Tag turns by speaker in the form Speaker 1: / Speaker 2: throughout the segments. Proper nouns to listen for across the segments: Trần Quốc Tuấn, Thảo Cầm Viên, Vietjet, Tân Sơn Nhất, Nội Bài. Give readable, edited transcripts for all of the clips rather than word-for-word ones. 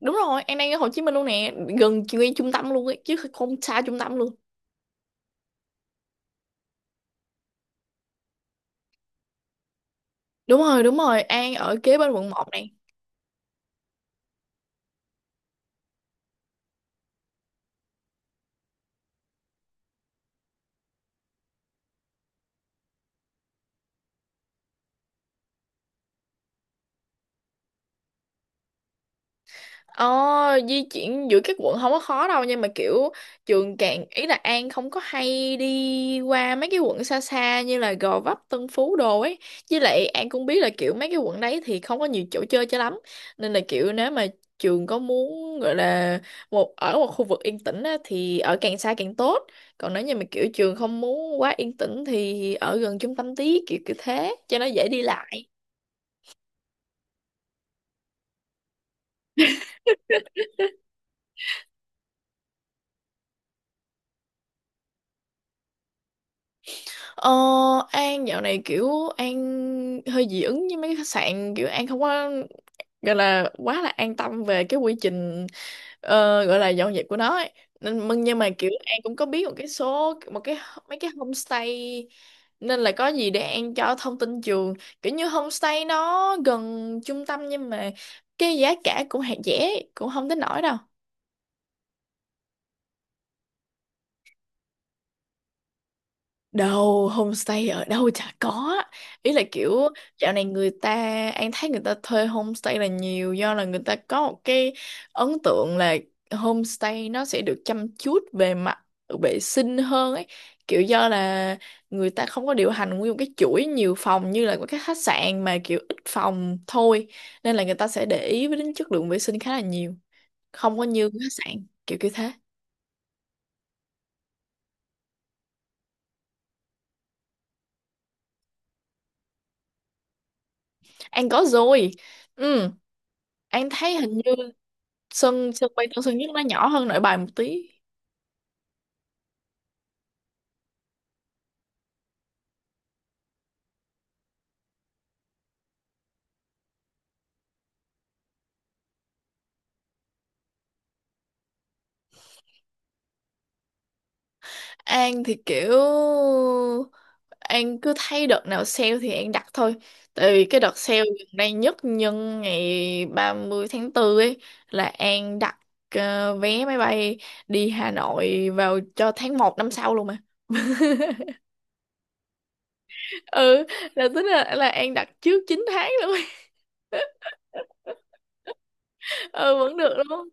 Speaker 1: Đúng rồi, An đang ở Hồ Chí Minh luôn nè, gần ngay trung tâm luôn ấy, chứ không xa trung tâm luôn. Đúng rồi, đúng rồi, An ở kế bên quận một nè. Ờ, di chuyển giữa các quận không có khó đâu, nhưng mà kiểu trường càng ý là An không có hay đi qua mấy cái quận xa xa như là Gò Vấp, Tân Phú đồ ấy. Với lại An cũng biết là kiểu mấy cái quận đấy thì không có nhiều chỗ chơi cho lắm, nên là kiểu nếu mà trường có muốn gọi là ở một khu vực yên tĩnh á, thì ở càng xa càng tốt. Còn nếu như mà kiểu trường không muốn quá yên tĩnh thì ở gần trung tâm tí, kiểu kiểu thế cho nó dễ đi lại. Ờ, An dạo này kiểu An hơi dị ứng với mấy cái khách sạn, kiểu An không có gọi là quá là an tâm về cái quy trình, gọi là dọn dẹp của nó ấy. Nên mừng, nhưng mà kiểu An cũng có biết một cái số một cái mấy cái homestay, nên là có gì để An cho thông tin trường. Kiểu như homestay nó gần trung tâm, nhưng mà cái giá cả cũng hạt rẻ, cũng không tới nổi đâu. Đâu, homestay ở đâu chả có. Ý là kiểu dạo này người ta, An thấy người ta thuê homestay là nhiều, do là người ta có một cái ấn tượng là homestay nó sẽ được chăm chút về mặt vệ sinh hơn ấy. Kiểu do là người ta không có điều hành nguyên một cái chuỗi nhiều phòng như là của các khách sạn, mà kiểu ít phòng thôi. Nên là người ta sẽ để ý với đến chất lượng vệ sinh khá là nhiều. Không có như khách sạn, kiểu kiểu thế. An có rồi. Ừ, An thấy hình như sân sân bay Tân Sơn Nhất nó nhỏ hơn Nội Bài một tí. An thì kiểu An cứ thấy đợt nào sale thì An đặt thôi, tại vì cái đợt sale gần đây nhất nhân ngày ba mươi tháng 4 ấy là An đặt, vé máy bay đi Hà Nội vào cho tháng 1 năm sau luôn mà. Ừ, là tính là An đặt trước 9 tháng luôn. Ừ, vẫn được đúng không.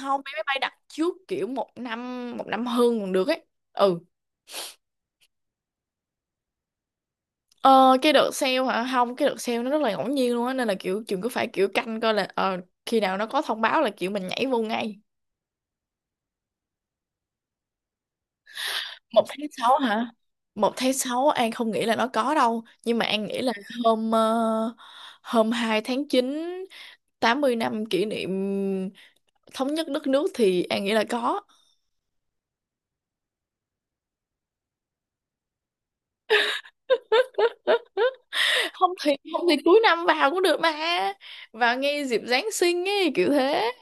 Speaker 1: Không, vé máy bay đặt trước kiểu một năm, một năm hơn còn được ấy. Ừ. Ờ, cái đợt sale hả? Không, cái đợt sale nó rất là ngẫu nhiên luôn á, nên là kiểu trường cứ phải kiểu canh coi là, khi nào nó có thông báo là kiểu mình nhảy vô ngay. 1/6 hả? 1/6 An không nghĩ là nó có đâu, nhưng mà An nghĩ là hôm ờ, hôm 2/9, 80 năm kỷ niệm thống nhất đất nước, thì An nghĩ là có. Không thì, không thì cuối năm vào cũng được mà. Vào ngay dịp Giáng sinh ấy, kiểu thế.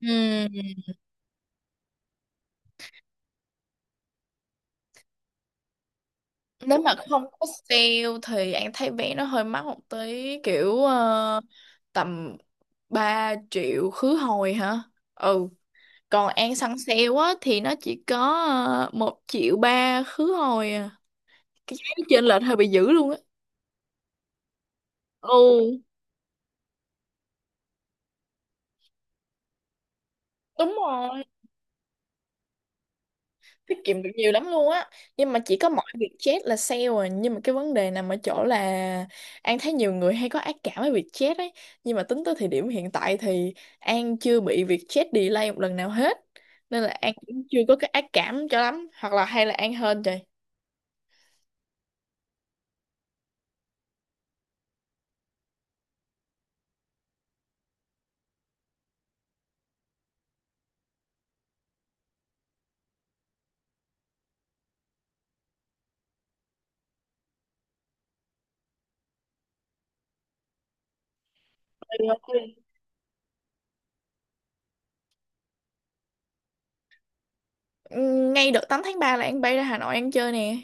Speaker 1: Ừ. Nếu mà không có sale thì anh thấy vé nó hơi mắc một tí, kiểu tầm 3 triệu khứ hồi hả. Ừ. Còn An săn sale á thì nó chỉ có, 1,3 triệu khứ hồi à. Cái giá nó chênh lệch hơi bị dữ luôn á. Ừ, đúng rồi, tiết kiệm được nhiều lắm luôn á. Nhưng mà chỉ có mỗi Vietjet là sale à, nhưng mà cái vấn đề nằm ở chỗ là An thấy nhiều người hay có ác cảm với Vietjet ấy. Nhưng mà tính tới thời điểm hiện tại thì An chưa bị Vietjet delay một lần nào hết, nên là An cũng chưa có cái ác cảm cho lắm, hoặc là hay là An hên trời. Ngay đợt 8/3 là An bay ra Hà Nội An chơi nè.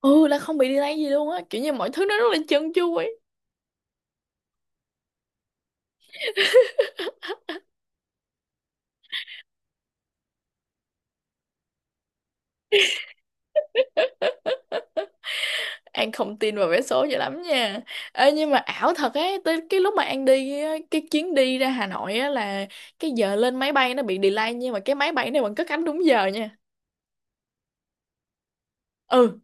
Speaker 1: Ừ, là không bị delay gì luôn á, kiểu như mọi thứ nó rất là trơn tru ấy. An không tin vào vé số cho lắm nha. Ê, nhưng mà ảo thật ấy, tới cái lúc mà An đi á, cái chuyến đi ra Hà Nội á là cái giờ lên máy bay nó bị delay, nhưng mà cái máy bay này vẫn cất cánh đúng giờ nha. Ừ,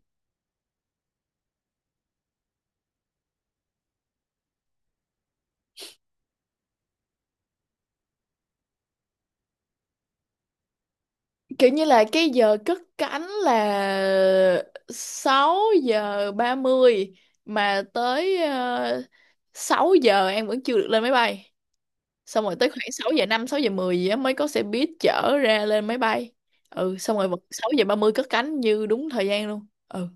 Speaker 1: kiểu như là cái giờ cất cánh là 6:30, mà tới uh, 6 giờ An vẫn chưa được lên máy bay. Xong rồi tới khoảng 6:05, 6:10 gì á mới có xe buýt chở ra lên máy bay. Ừ, xong rồi vẫn 6 giờ ba mươi cất cánh như đúng thời gian luôn. Ừ.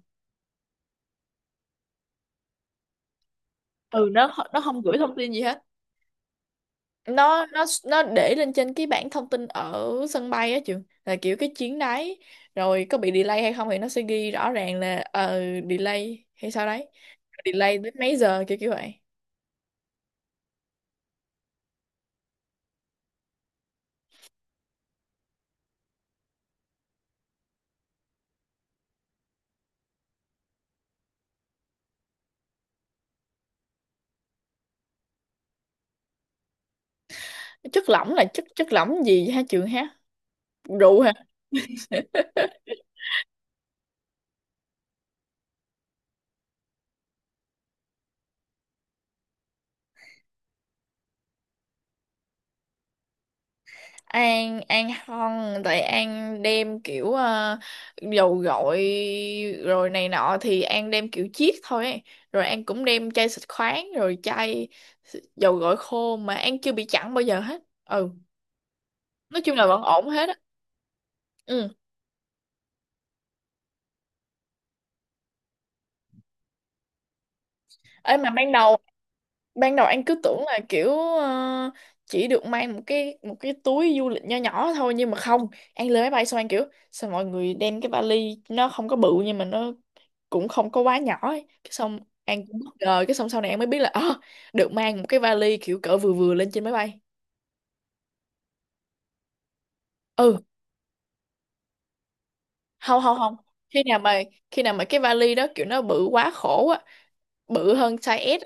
Speaker 1: Ừ, nó không gửi thông tin gì hết. Nó để lên trên cái bảng thông tin ở sân bay á, trường, là kiểu cái chuyến đấy rồi có bị delay hay không thì nó sẽ ghi rõ ràng là, delay hay sao đấy, delay đến mấy giờ, kiểu kiểu vậy. Chất lỏng là chất chất lỏng gì hả trường ha? Rượu? An không, tại An đem kiểu, dầu gội rồi này nọ thì An đem kiểu chiết thôi ấy. Rồi An cũng đem chai xịt khoáng, rồi chai dầu gội khô mà An chưa bị chặn bao giờ hết. Ừ, nói chung là vẫn ổn hết á. Ừ. Ấy mà ban đầu, anh cứ tưởng là kiểu, chỉ được mang một cái túi du lịch nho nhỏ thôi, nhưng mà không, anh lên máy bay xong anh kiểu sao mọi người đem cái vali nó không có bự nhưng mà nó cũng không có quá nhỏ ấy. Cái xong anh cũng bất ngờ, cái xong sau này anh mới biết là, được mang một cái vali kiểu cỡ vừa vừa lên trên máy bay. Ừ. Không, không, không, khi nào mà khi nào mà cái vali đó kiểu nó bự quá khổ á, bự hơn size S,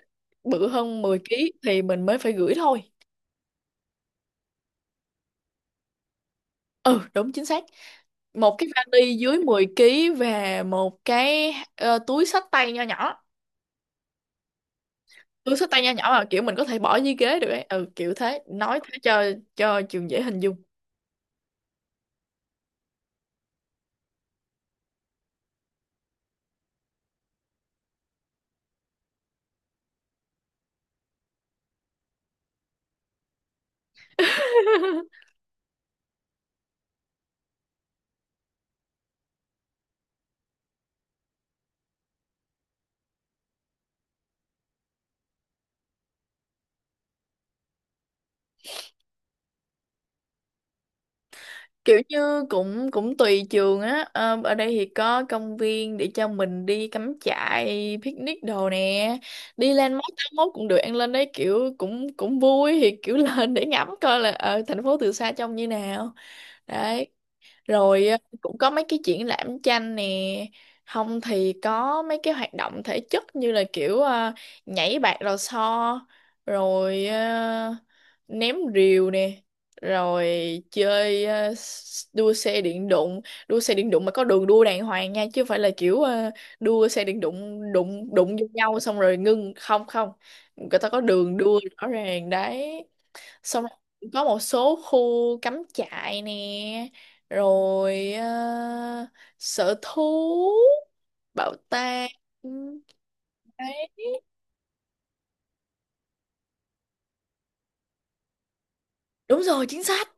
Speaker 1: bự hơn 10 ký thì mình mới phải gửi thôi. Ừ, đúng chính xác, một cái vali dưới 10 ký và một cái, túi xách tay nho nhỏ. Túi xách tay nho nhỏ mà kiểu mình có thể bỏ dưới ghế được ấy, ừ, kiểu thế, nói thế cho trường dễ hình dung. Kiểu như cũng cũng tùy trường á. Ờ, ở đây thì có công viên để cho mình đi cắm trại picnic đồ nè, đi lên 81 cũng được, ăn lên đấy kiểu cũng cũng vui, thì kiểu lên để ngắm coi là ở thành phố từ xa trông như nào. Đấy. Rồi, cũng có mấy cái triển lãm tranh nè. Không thì có mấy cái hoạt động thể chất như là kiểu, nhảy bạt lò xo, rồi ném rìu nè, rồi chơi, đua xe điện đụng. Đua xe điện đụng mà có đường đua đàng hoàng nha, chứ không phải là kiểu, đua xe điện đụng đụng đụng vô nhau xong rồi ngưng. Không, không, người ta có đường đua rõ ràng đấy. Xong rồi có một số khu cắm trại nè, rồi, sở thú, bảo tàng. Đấy. Đúng rồi, chính xác.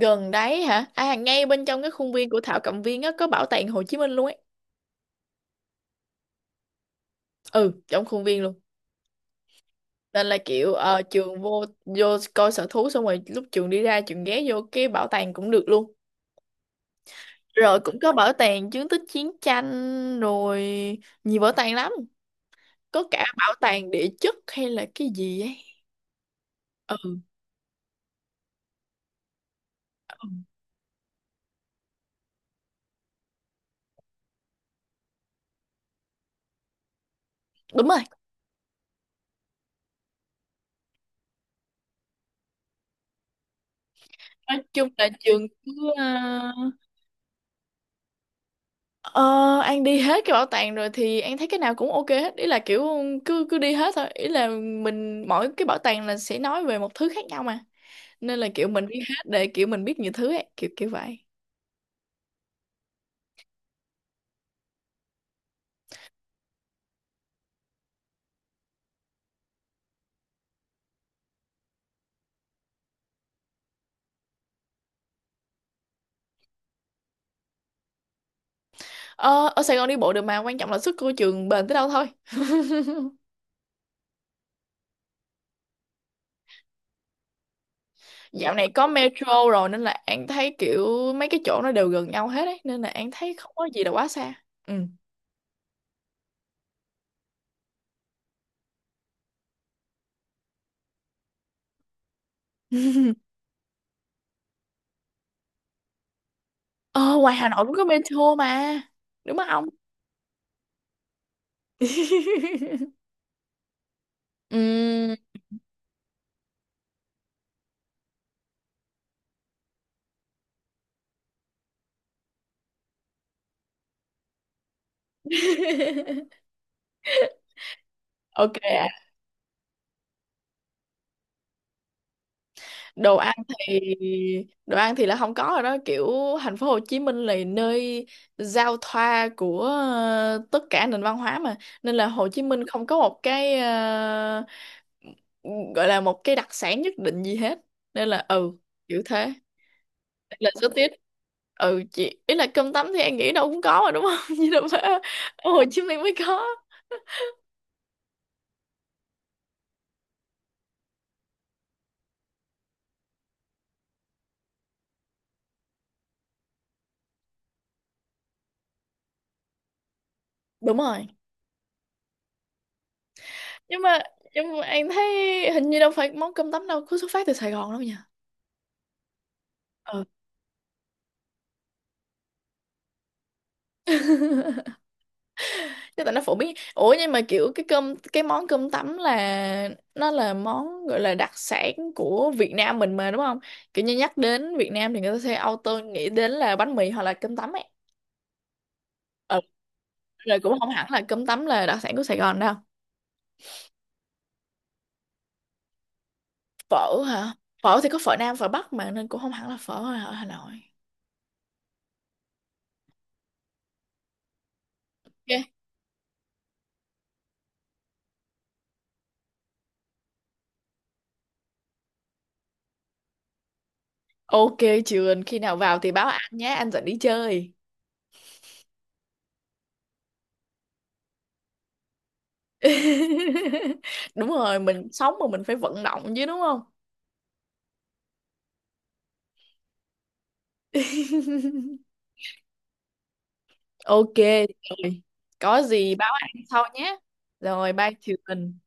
Speaker 1: Gần đấy hả? À, ngay bên trong cái khuôn viên của Thảo Cầm Viên á có bảo tàng Hồ Chí Minh luôn ấy. Ừ, trong khuôn viên luôn. Nên là kiểu, trường vô vô coi sở thú xong rồi lúc trường đi ra trường ghé vô cái bảo tàng cũng được luôn. Rồi cũng có bảo tàng chứng tích chiến tranh, rồi nhiều bảo tàng lắm, có cả bảo tàng địa chất hay là cái gì ấy. Ừ, đúng rồi. Nói chung là trường cứ, ờ, ờ, An đi hết cái bảo tàng rồi thì An thấy cái nào cũng ok hết. Ý là kiểu cứ cứ đi hết thôi, ý là mình mỗi cái bảo tàng là sẽ nói về một thứ khác nhau mà, nên là kiểu mình đi hết để kiểu mình biết nhiều thứ ấy, kiểu kiểu vậy. Ờ, ở Sài Gòn đi bộ được, mà quan trọng là sức của trường bền tới đâu thôi. Dạo này có metro rồi nên là An thấy kiểu mấy cái chỗ nó đều gần nhau hết ấy, nên là An thấy không có gì là quá xa. Ừ. Ờ, ngoài Hà Nội cũng có metro mà, đúng không? Ừm. Ok ạ. Đồ ăn thì, là không có rồi đó, kiểu thành phố Hồ Chí Minh là nơi giao thoa của, tất cả nền văn hóa mà, nên là Hồ Chí Minh không có một cái, gọi là một cái đặc sản nhất định gì hết, nên là ừ, kiểu thế. Là số tiết. Ừ, chị, ý là cơm tấm thì em nghĩ đâu cũng có mà, đúng không? Chứ đâu phải ở Hồ Chí Minh mới có. Đúng rồi. Nhưng mà nhưng mà em thấy hình như đâu phải món cơm tấm đâu cứ xuất phát từ Sài Gòn đâu nha. Ừ, chứ tại nó phổ biến. Ủa, nhưng mà kiểu cái món cơm tấm là nó là món gọi là đặc sản của Việt Nam mình mà, đúng không? Kiểu như nhắc đến Việt Nam thì người ta sẽ auto nghĩ đến là bánh mì hoặc là cơm tấm ấy. Ừ. Rồi, cũng không hẳn là cơm tấm là đặc sản của Sài Gòn đâu. Phở hả? Phở thì có phở Nam phở Bắc mà, nên cũng không hẳn là phở ở Hà Nội. Ok. Ok. Trường khi nào vào thì báo anh nhé, anh dẫn đi chơi. Đúng rồi, mình sống mà mình phải vận động chứ, đúng không? Ok. Rồi, có gì báo anh sau nhé. Rồi, bye Trường.